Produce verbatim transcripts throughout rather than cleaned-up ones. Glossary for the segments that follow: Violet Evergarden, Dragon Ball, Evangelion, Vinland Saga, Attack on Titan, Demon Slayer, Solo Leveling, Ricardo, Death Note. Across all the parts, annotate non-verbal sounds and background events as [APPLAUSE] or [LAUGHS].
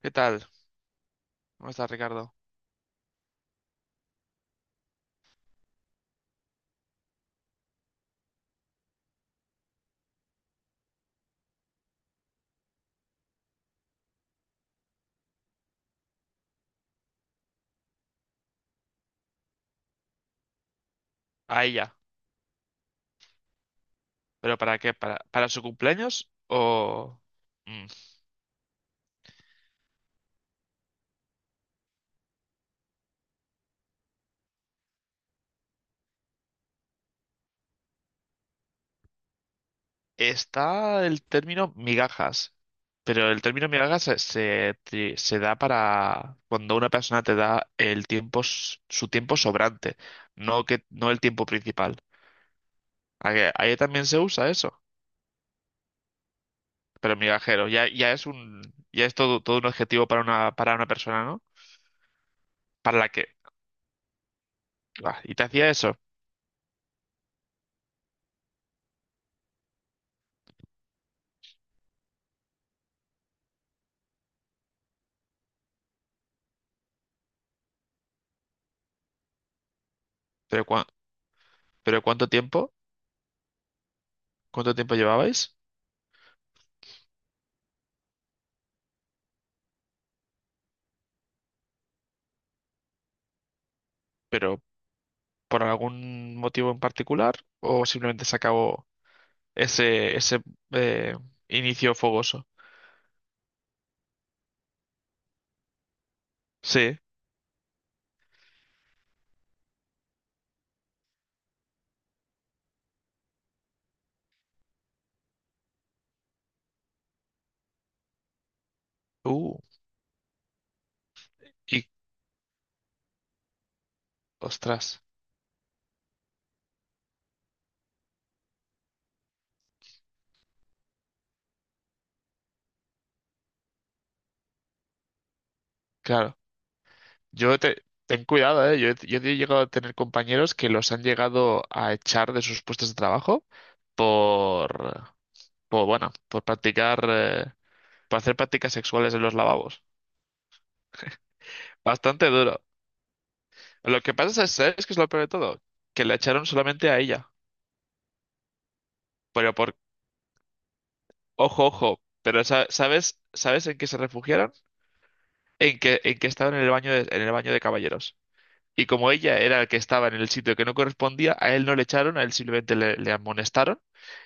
¿Qué tal? ¿Cómo estás, Ricardo? A ella. ¿Pero para qué? ¿Para, para su cumpleaños? ¿O...? Mm. Está el término migajas. Pero el término migajas se, se, tri- se da para cuando una persona te da el tiempo, s- su tiempo sobrante, no que, no el tiempo principal. A que- Ahí también se usa eso. Pero migajero, ya, ya es un, ya es todo, todo un adjetivo para una, para una persona, ¿no? Para la que, ah, y te hacía eso. Pero, cua- pero ¿cuánto tiempo? ¿Cuánto tiempo llevabais? Pero por algún motivo en particular o simplemente se acabó ese, ese eh, inicio fogoso. Sí. Uh, y ostras, claro. Yo te, ten cuidado, ¿eh? Yo, he- yo he llegado a tener compañeros que los han llegado a echar de sus puestos de trabajo por, por bueno, por practicar, eh, por hacer prácticas sexuales en los lavabos. Bastante duro. Lo que pasa es, ¿sabes qué es lo peor de todo? Que la echaron solamente a ella. Pero por, Ojo, ojo, pero sa- ¿sabes, sabes en qué se refugiaron? En que, en que estaban en el baño de, en el baño de caballeros. Y como ella era el que estaba en el sitio que no correspondía, a él no le echaron, a él simplemente le, le amonestaron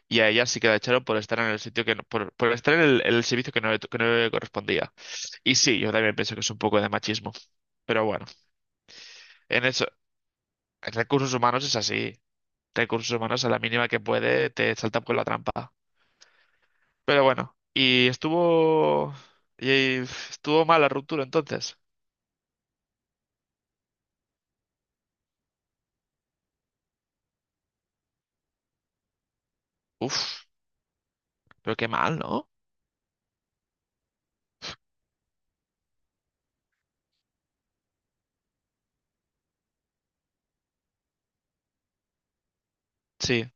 y a ella sí que la echaron por estar en el sitio que no- por, por estar en el, en el servicio que no, le, que no le correspondía. Y sí, yo también pienso que es un poco de machismo, pero bueno, en eso, en recursos humanos es así. Recursos humanos a la mínima que puede te saltan por la trampa. Pero bueno, y estuvo. Y estuvo mal la ruptura entonces. Uf, pero qué mal, ¿no? Sí.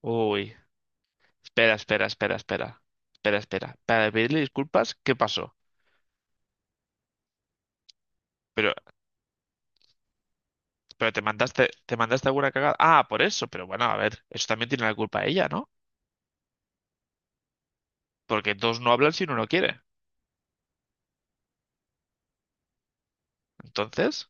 Uy. Espera, espera, espera, espera. Espera, espera. Para pedirle disculpas, ¿qué pasó? Pero, pero te mandaste, te mandaste alguna cagada. Ah, por eso, pero bueno, a ver, eso también tiene la culpa ella, ¿no? Porque dos no hablan si uno no quiere. Entonces.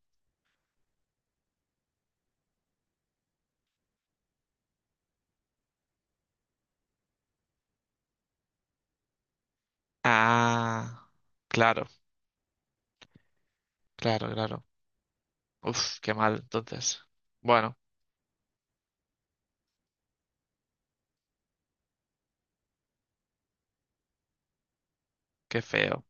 Ah, claro, claro, claro. Uf, qué mal, entonces. Bueno, qué feo.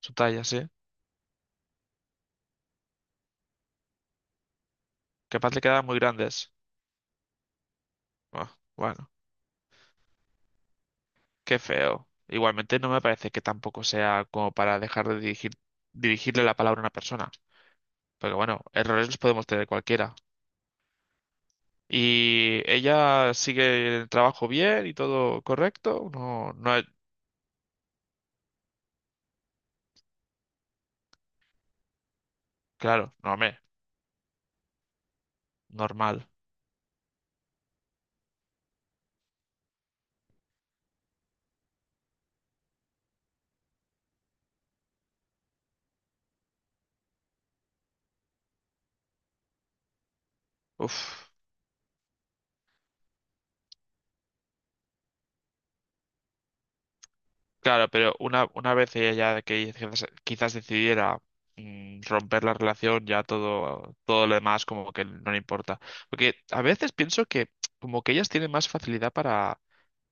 Su talla, sí. Capaz le quedaban muy grandes. Ah, bueno. Qué feo. Igualmente no me parece que tampoco sea como para dejar de dirigir, dirigirle la palabra a una persona. Porque bueno, errores los podemos tener cualquiera. ¿Y ella sigue el trabajo bien y todo correcto? No, no, es- claro, no, me, normal. Uf, claro, pero una, una vez ella, ya que quizás, quizás decidiera mm, romper la relación, ya todo, todo lo demás como que no le importa. Porque a veces pienso que como que ellas tienen más facilidad para,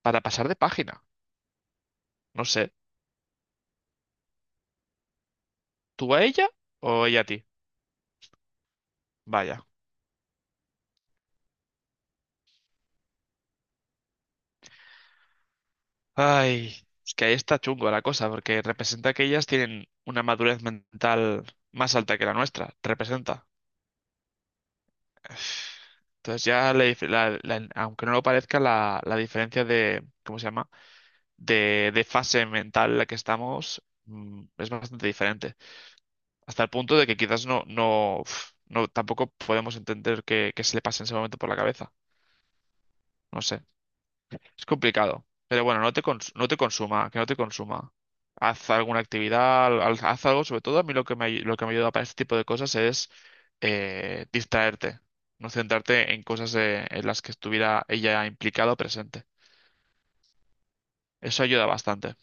para pasar de página. No sé, ¿tú a ella o ella a ti? Vaya. Ay, es que ahí está chungo la cosa, porque representa que ellas tienen una madurez mental más alta que la nuestra. Representa. Entonces ya, le dif- la- la- aunque no lo parezca, la, la diferencia de, ¿cómo se llama? De, de fase mental en la que estamos mm, es bastante diferente. Hasta el punto de que quizás no, no, uf, no tampoco podemos entender qué, qué se le pasa en ese momento por la cabeza. No sé. Es complicado. Pero bueno, no te, cons- no te consuma, que no te consuma. Haz alguna actividad, al- al- haz algo. Sobre todo a mí lo que me, ay- lo que me ayuda para este tipo de cosas es eh, distraerte, no centrarte en cosas eh, en las que estuviera ella implicada o presente. Eso ayuda bastante.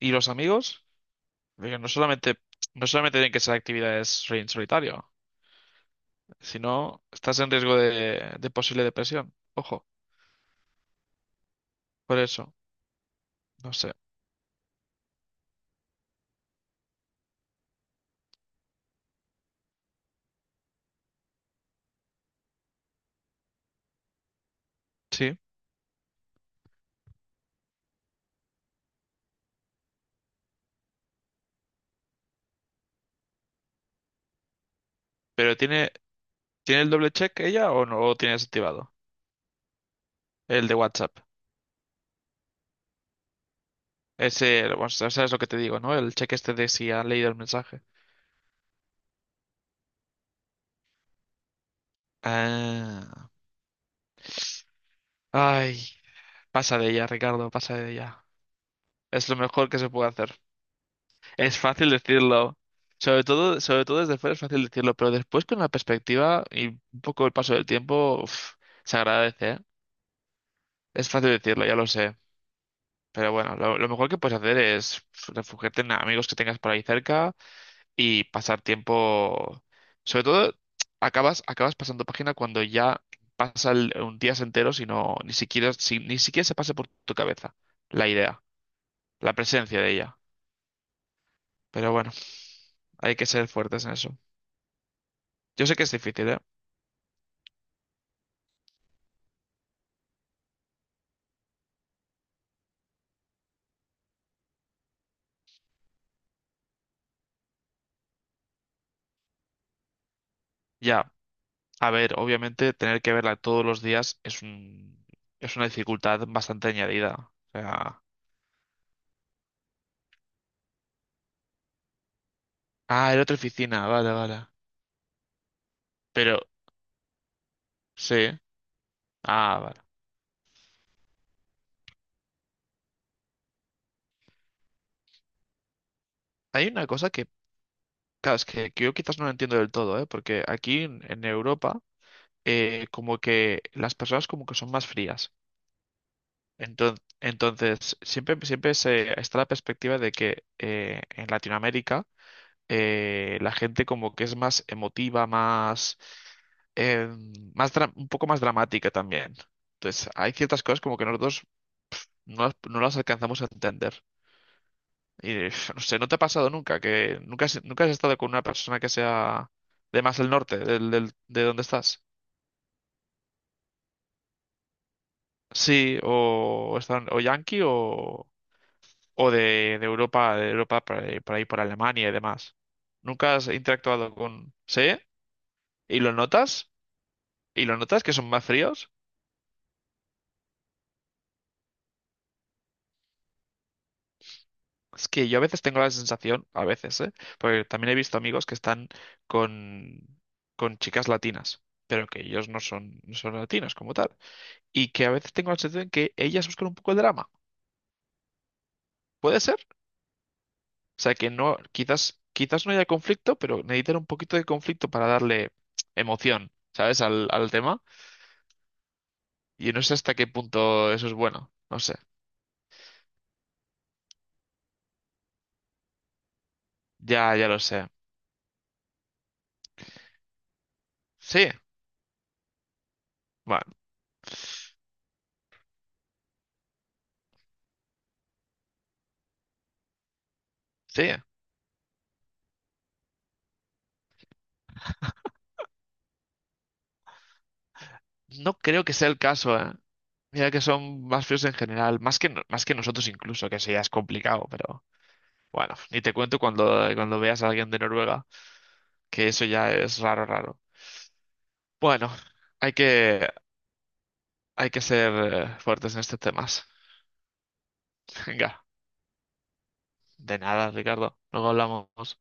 ¿Y los amigos? Porque no solamente, no solamente tienen que ser actividades en solitario, sino estás en riesgo de, de posible depresión. Ojo, por eso, no sé. Sí. ¿Pero tiene, tiene el doble check ella o no lo tiene desactivado? El de WhatsApp. Ese, bueno, sabes lo que te digo, ¿no? El cheque este de si ha leído el mensaje. Ah. Ay, pasa de ella, Ricardo, pasa de ella. Es lo mejor que se puede hacer. Es fácil decirlo. Sobre todo, sobre todo desde fuera es fácil decirlo, pero después con la perspectiva y un poco el paso del tiempo, uf, se agradece, ¿eh? Es fácil decirlo, ya lo sé. Pero bueno, lo, lo mejor que puedes hacer es refugiarte en amigos que tengas por ahí cerca y pasar tiempo. Sobre todo, acabas, acabas pasando página cuando ya pasa el- un días enteros y no, ni siquiera, si- ni siquiera se pase por tu cabeza la idea, la presencia de ella. Pero bueno, hay que ser fuertes en eso. Yo sé que es difícil, ¿eh? Ya, a ver, obviamente tener que verla todos los días es un, es una dificultad bastante añadida. O sea, ah, era otra oficina, vale, vale. Pero, sí, ah, vale. Hay una cosa que claro, es que, que yo quizás no lo entiendo del todo, ¿eh? Porque aquí en, en Europa, eh, como que las personas como que son más frías. Entonces, entonces siempre, siempre se, está la perspectiva de que eh, en Latinoamérica eh, la gente como que es más emotiva, más, eh, más dra- un poco más dramática también. Entonces, hay ciertas cosas como que nosotros no, las- no las alcanzamos a entender. Y uf, no sé, ¿no te ha pasado nunca que nunca has, nunca has estado con una persona que sea de más el norte, del, del- de donde estás? Sí, o, están, o yanqui o, o de, de Europa, de Europa por ahí, por ahí, por Alemania y demás. ¿Nunca has interactuado con... ¿Sí? ¿Y lo notas? ¿Y lo notas que son más fríos? Es que yo a veces tengo la sensación, a veces, ¿eh? Porque también he visto amigos que están con, con chicas latinas, pero que ellos no son, no son latinos como tal. Y que a veces tengo la sensación de que ellas buscan un poco el drama. ¿Puede ser? O sea, que no, quizás, quizás no haya conflicto, pero necesitan un poquito de conflicto para darle emoción, ¿sabes? Al, al tema. Y no sé hasta qué punto eso es bueno. No sé. Ya, ya lo sé. Sí, bueno, sí. No creo que sea el caso, ¿eh? Mira que son más fríos en general, más que, no- más que nosotros incluso, que eso ya es complicado, pero bueno, ni te cuento cuando, cuando veas a alguien de Noruega, que eso ya es raro, raro. Bueno, hay que, hay que ser eh, fuertes en estos temas. [LAUGHS] Venga, de nada, Ricardo. Luego hablamos.